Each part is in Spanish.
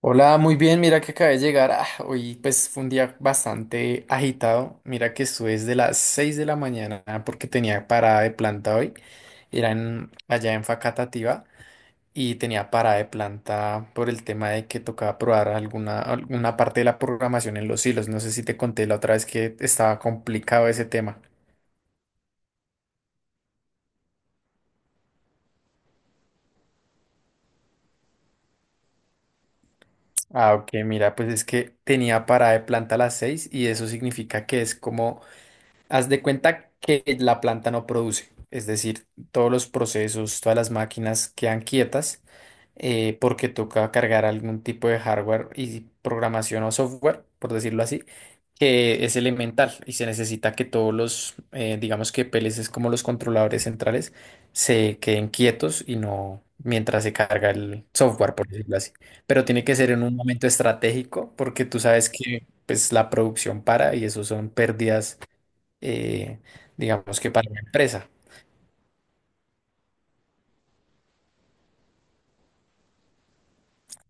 Hola, muy bien, mira que acabé de llegar. Ah, hoy pues fue un día bastante agitado. Mira que estuve desde las 6 de la mañana porque tenía parada de planta hoy. Era allá en Facatativá y tenía parada de planta por el tema de que tocaba probar alguna parte de la programación en los hilos. No sé si te conté la otra vez que estaba complicado ese tema. Ah, ok, mira, pues es que tenía parada de planta a las 6, y eso significa que es como, haz de cuenta que la planta no produce, es decir, todos los procesos, todas las máquinas quedan quietas, porque toca cargar algún tipo de hardware y programación o software, por decirlo así, que es elemental y se necesita que todos los, digamos que PLCs, como los controladores centrales, se queden quietos y no mientras se carga el software, por decirlo así. Pero tiene que ser en un momento estratégico porque tú sabes que, pues, la producción para y eso son pérdidas, eh, digamos que para la empresa.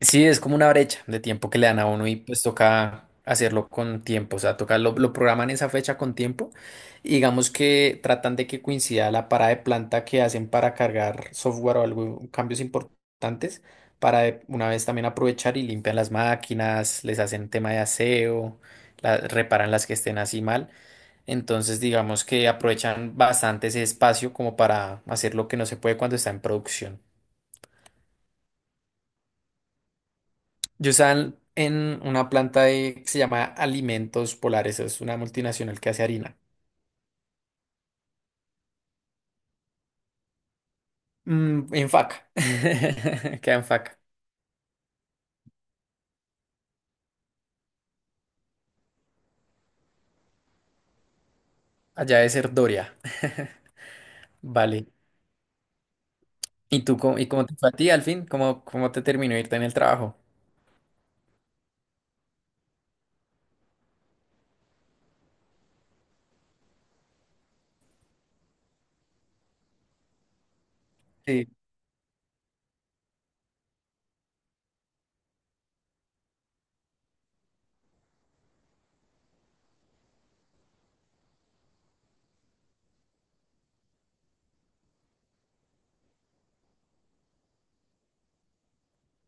Sí, es como una brecha de tiempo que le dan a uno y pues toca hacerlo con tiempo, o sea, toca lo programan esa fecha con tiempo y digamos que tratan de que coincida la parada de planta que hacen para cargar software o algo, cambios importantes, para de una vez también aprovechar y limpian las máquinas, les hacen tema de aseo, reparan las que estén así mal. Entonces, digamos que aprovechan bastante ese espacio como para hacer lo que no se puede cuando está en producción. Yo estaba en una planta que se llama Alimentos Polares, es una multinacional que hace harina. Mm, en Faca, queda en Faca, allá de Cerdoria. Vale. ¿Y cómo te fue a ti al fin? ¿Cómo te terminó de irte en el trabajo? Sí.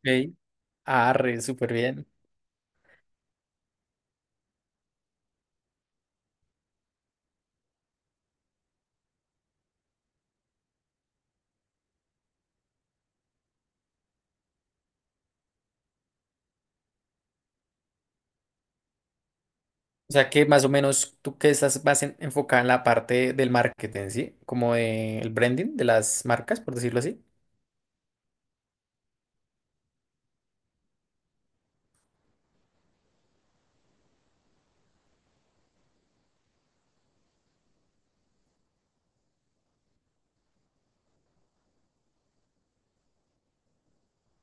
Ok. Arre, súper bien. O sea que más o menos tú que estás más enfocada en la parte del marketing, ¿sí? Como del branding de las marcas, por decirlo así.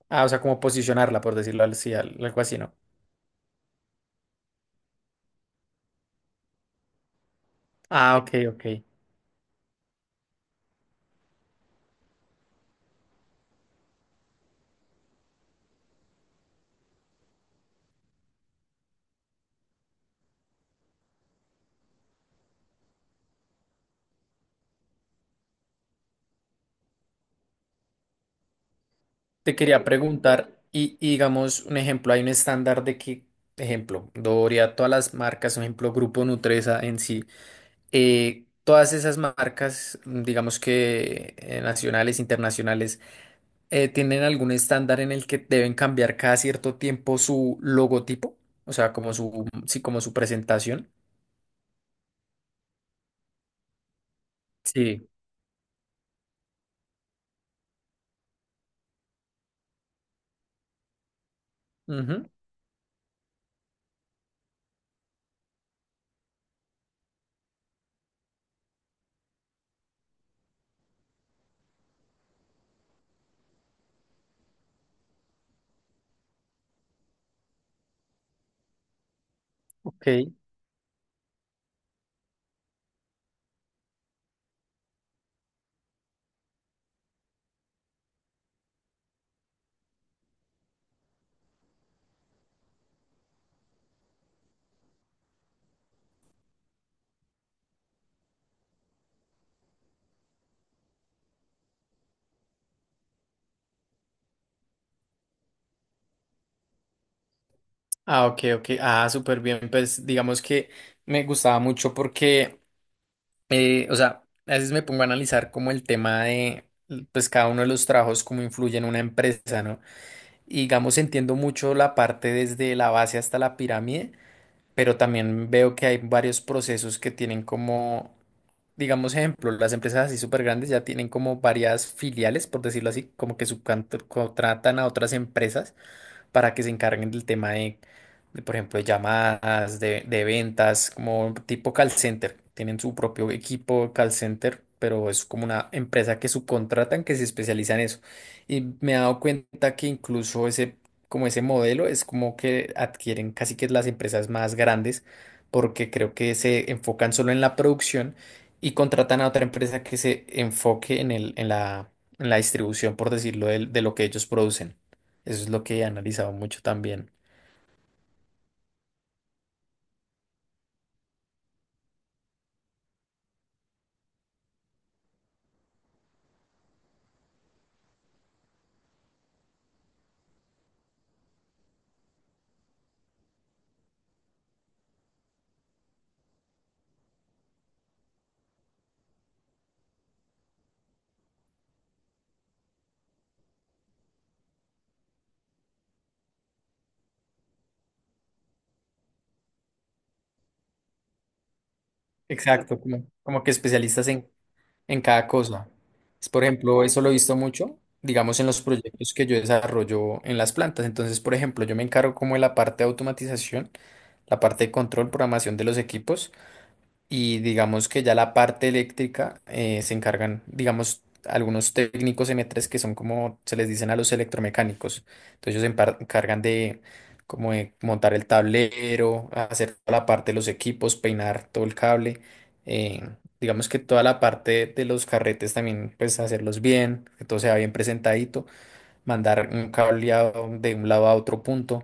Ah, o sea, como posicionarla, por decirlo así, algo así, ¿no? Ah, ok, ok. Te quería preguntar, y, digamos, un ejemplo, hay un estándar de que, ejemplo, Doria, todas las marcas, un ejemplo, Grupo Nutresa en sí, todas esas marcas, digamos que, nacionales, internacionales, ¿tienen algún estándar en el que deben cambiar cada cierto tiempo su logotipo? O sea, como su, sí, como su presentación. Sí. Ujú, ok. Ah, ok, ok. Ah, súper bien. Pues digamos que me gustaba mucho porque, o sea, a veces me pongo a analizar como el tema de, pues, cada uno de los trabajos, cómo influye en una empresa, ¿no? Y digamos, entiendo mucho la parte desde la base hasta la pirámide, pero también veo que hay varios procesos que tienen como, digamos, ejemplo, las empresas así súper grandes ya tienen como varias filiales, por decirlo así, como que subcontratan a otras empresas para que se encarguen del tema de, por ejemplo, de llamadas, de ventas, como tipo call center. Tienen su propio equipo call center, pero es como una empresa que subcontratan que se especializa en eso. Y me he dado cuenta que incluso ese, como ese modelo es como que adquieren casi que las empresas más grandes, porque creo que se enfocan solo en la producción y contratan a otra empresa que se enfoque en el, en la distribución, por decirlo, de lo que ellos producen. Eso es lo que he analizado mucho también. Exacto. Como que especialistas en cada cosa. Por ejemplo, eso lo he visto mucho, digamos, en los proyectos que yo desarrollo en las plantas. Entonces, por ejemplo, yo me encargo como de la parte de automatización, la parte de control, programación de los equipos. Y digamos que ya la parte eléctrica, se encargan, digamos, algunos técnicos M3, que son como se les dicen a los electromecánicos. Entonces ellos se encargan de, como de montar el tablero, hacer toda la parte de los equipos, peinar todo el cable. eh, digamos que toda la parte de los carretes también, pues hacerlos bien, que todo sea bien presentadito, mandar un cableado de un lado a otro punto.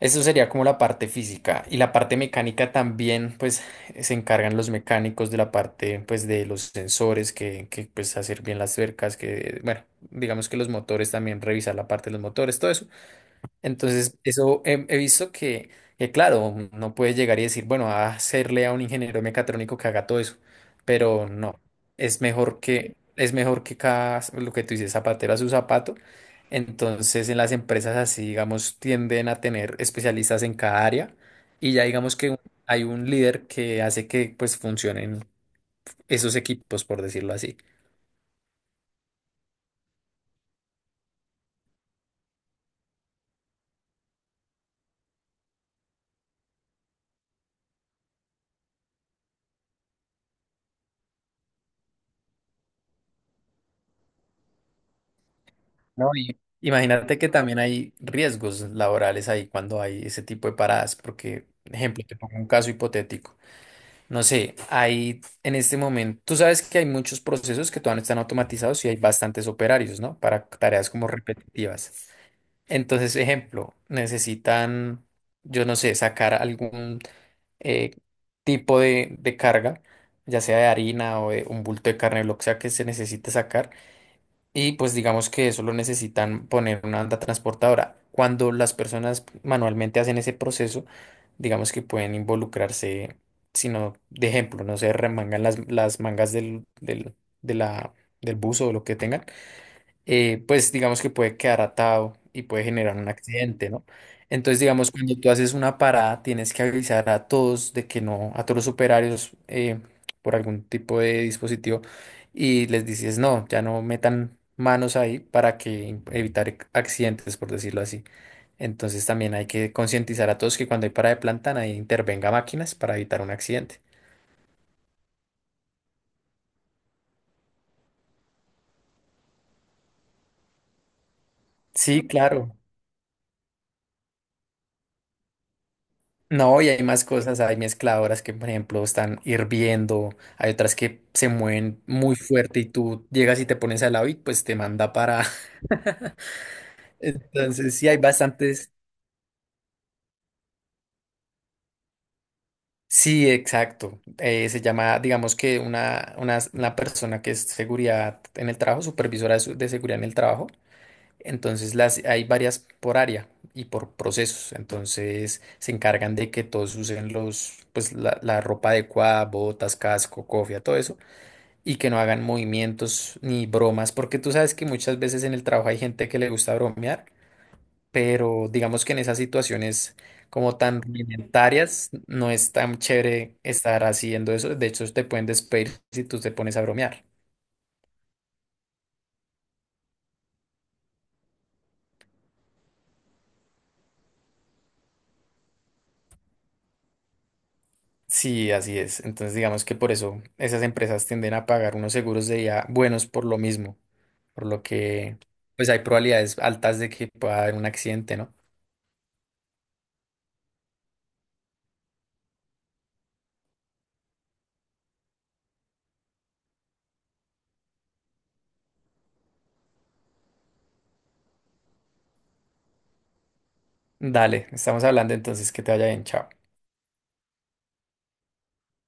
Eso sería como la parte física, y la parte mecánica también, pues se encargan los mecánicos de la parte, pues, de los sensores, que pues hacer bien las cercas, que bueno, digamos que los motores, también revisar la parte de los motores, todo eso. Entonces, eso he, he visto que, claro, no puede llegar y decir, bueno, a hacerle a un ingeniero mecatrónico que haga todo eso, pero no, es mejor que cada, lo que tú dices, zapatero a su zapato. Entonces, en las empresas así, digamos, tienden a tener especialistas en cada área y ya digamos que hay un líder que hace que pues funcionen esos equipos, por decirlo así. No, y imagínate que también hay riesgos laborales ahí cuando hay ese tipo de paradas, porque, ejemplo, te pongo un caso hipotético. No sé, hay en este momento, tú sabes que hay muchos procesos que todavía no están automatizados y hay bastantes operarios, ¿no? Para tareas como repetitivas. Entonces, ejemplo, necesitan, yo no sé, sacar algún, eh, tipo de, carga, ya sea de harina o de un bulto de carne, lo que sea que se necesite sacar, y pues digamos que solo necesitan poner una anda transportadora. Cuando las personas manualmente hacen ese proceso, digamos que pueden involucrarse, sino, de ejemplo, no se remangan las mangas de la, del buzo o lo que tengan, pues digamos que puede quedar atado y puede generar un accidente, ¿no? Entonces, digamos, cuando tú haces una parada, tienes que avisar a todos de que no, a todos los operarios, por algún tipo de dispositivo, y les dices, no, ya no metan manos ahí para que evitar accidentes, por decirlo así. Entonces, también hay que concientizar a todos que cuando hay parada de planta, nadie intervenga máquinas para evitar un accidente. Sí, claro. No, y hay más cosas, hay mezcladoras que, por ejemplo, están hirviendo, hay otras que se mueven muy fuerte y tú llegas y te pones al lado y pues te manda para... Entonces, sí, hay bastantes... Sí, exacto. Se llama, digamos que, una persona que es seguridad en el trabajo, supervisora de, de seguridad en el trabajo. Entonces, hay varias por área y por procesos. Entonces, se encargan de que todos usen los, pues, la ropa adecuada, botas, casco, cofia, todo eso, y que no hagan movimientos ni bromas, porque tú sabes que muchas veces en el trabajo hay gente que le gusta bromear, pero digamos que en esas situaciones como tan rudimentarias no es tan chévere estar haciendo eso, de hecho te pueden despedir si tú te pones a bromear. Sí, así es. Entonces digamos que por eso esas empresas tienden a pagar unos seguros de vida buenos por lo mismo, por lo que pues hay probabilidades altas de que pueda haber un accidente, ¿no? Dale, estamos hablando entonces, que te vaya bien, chao.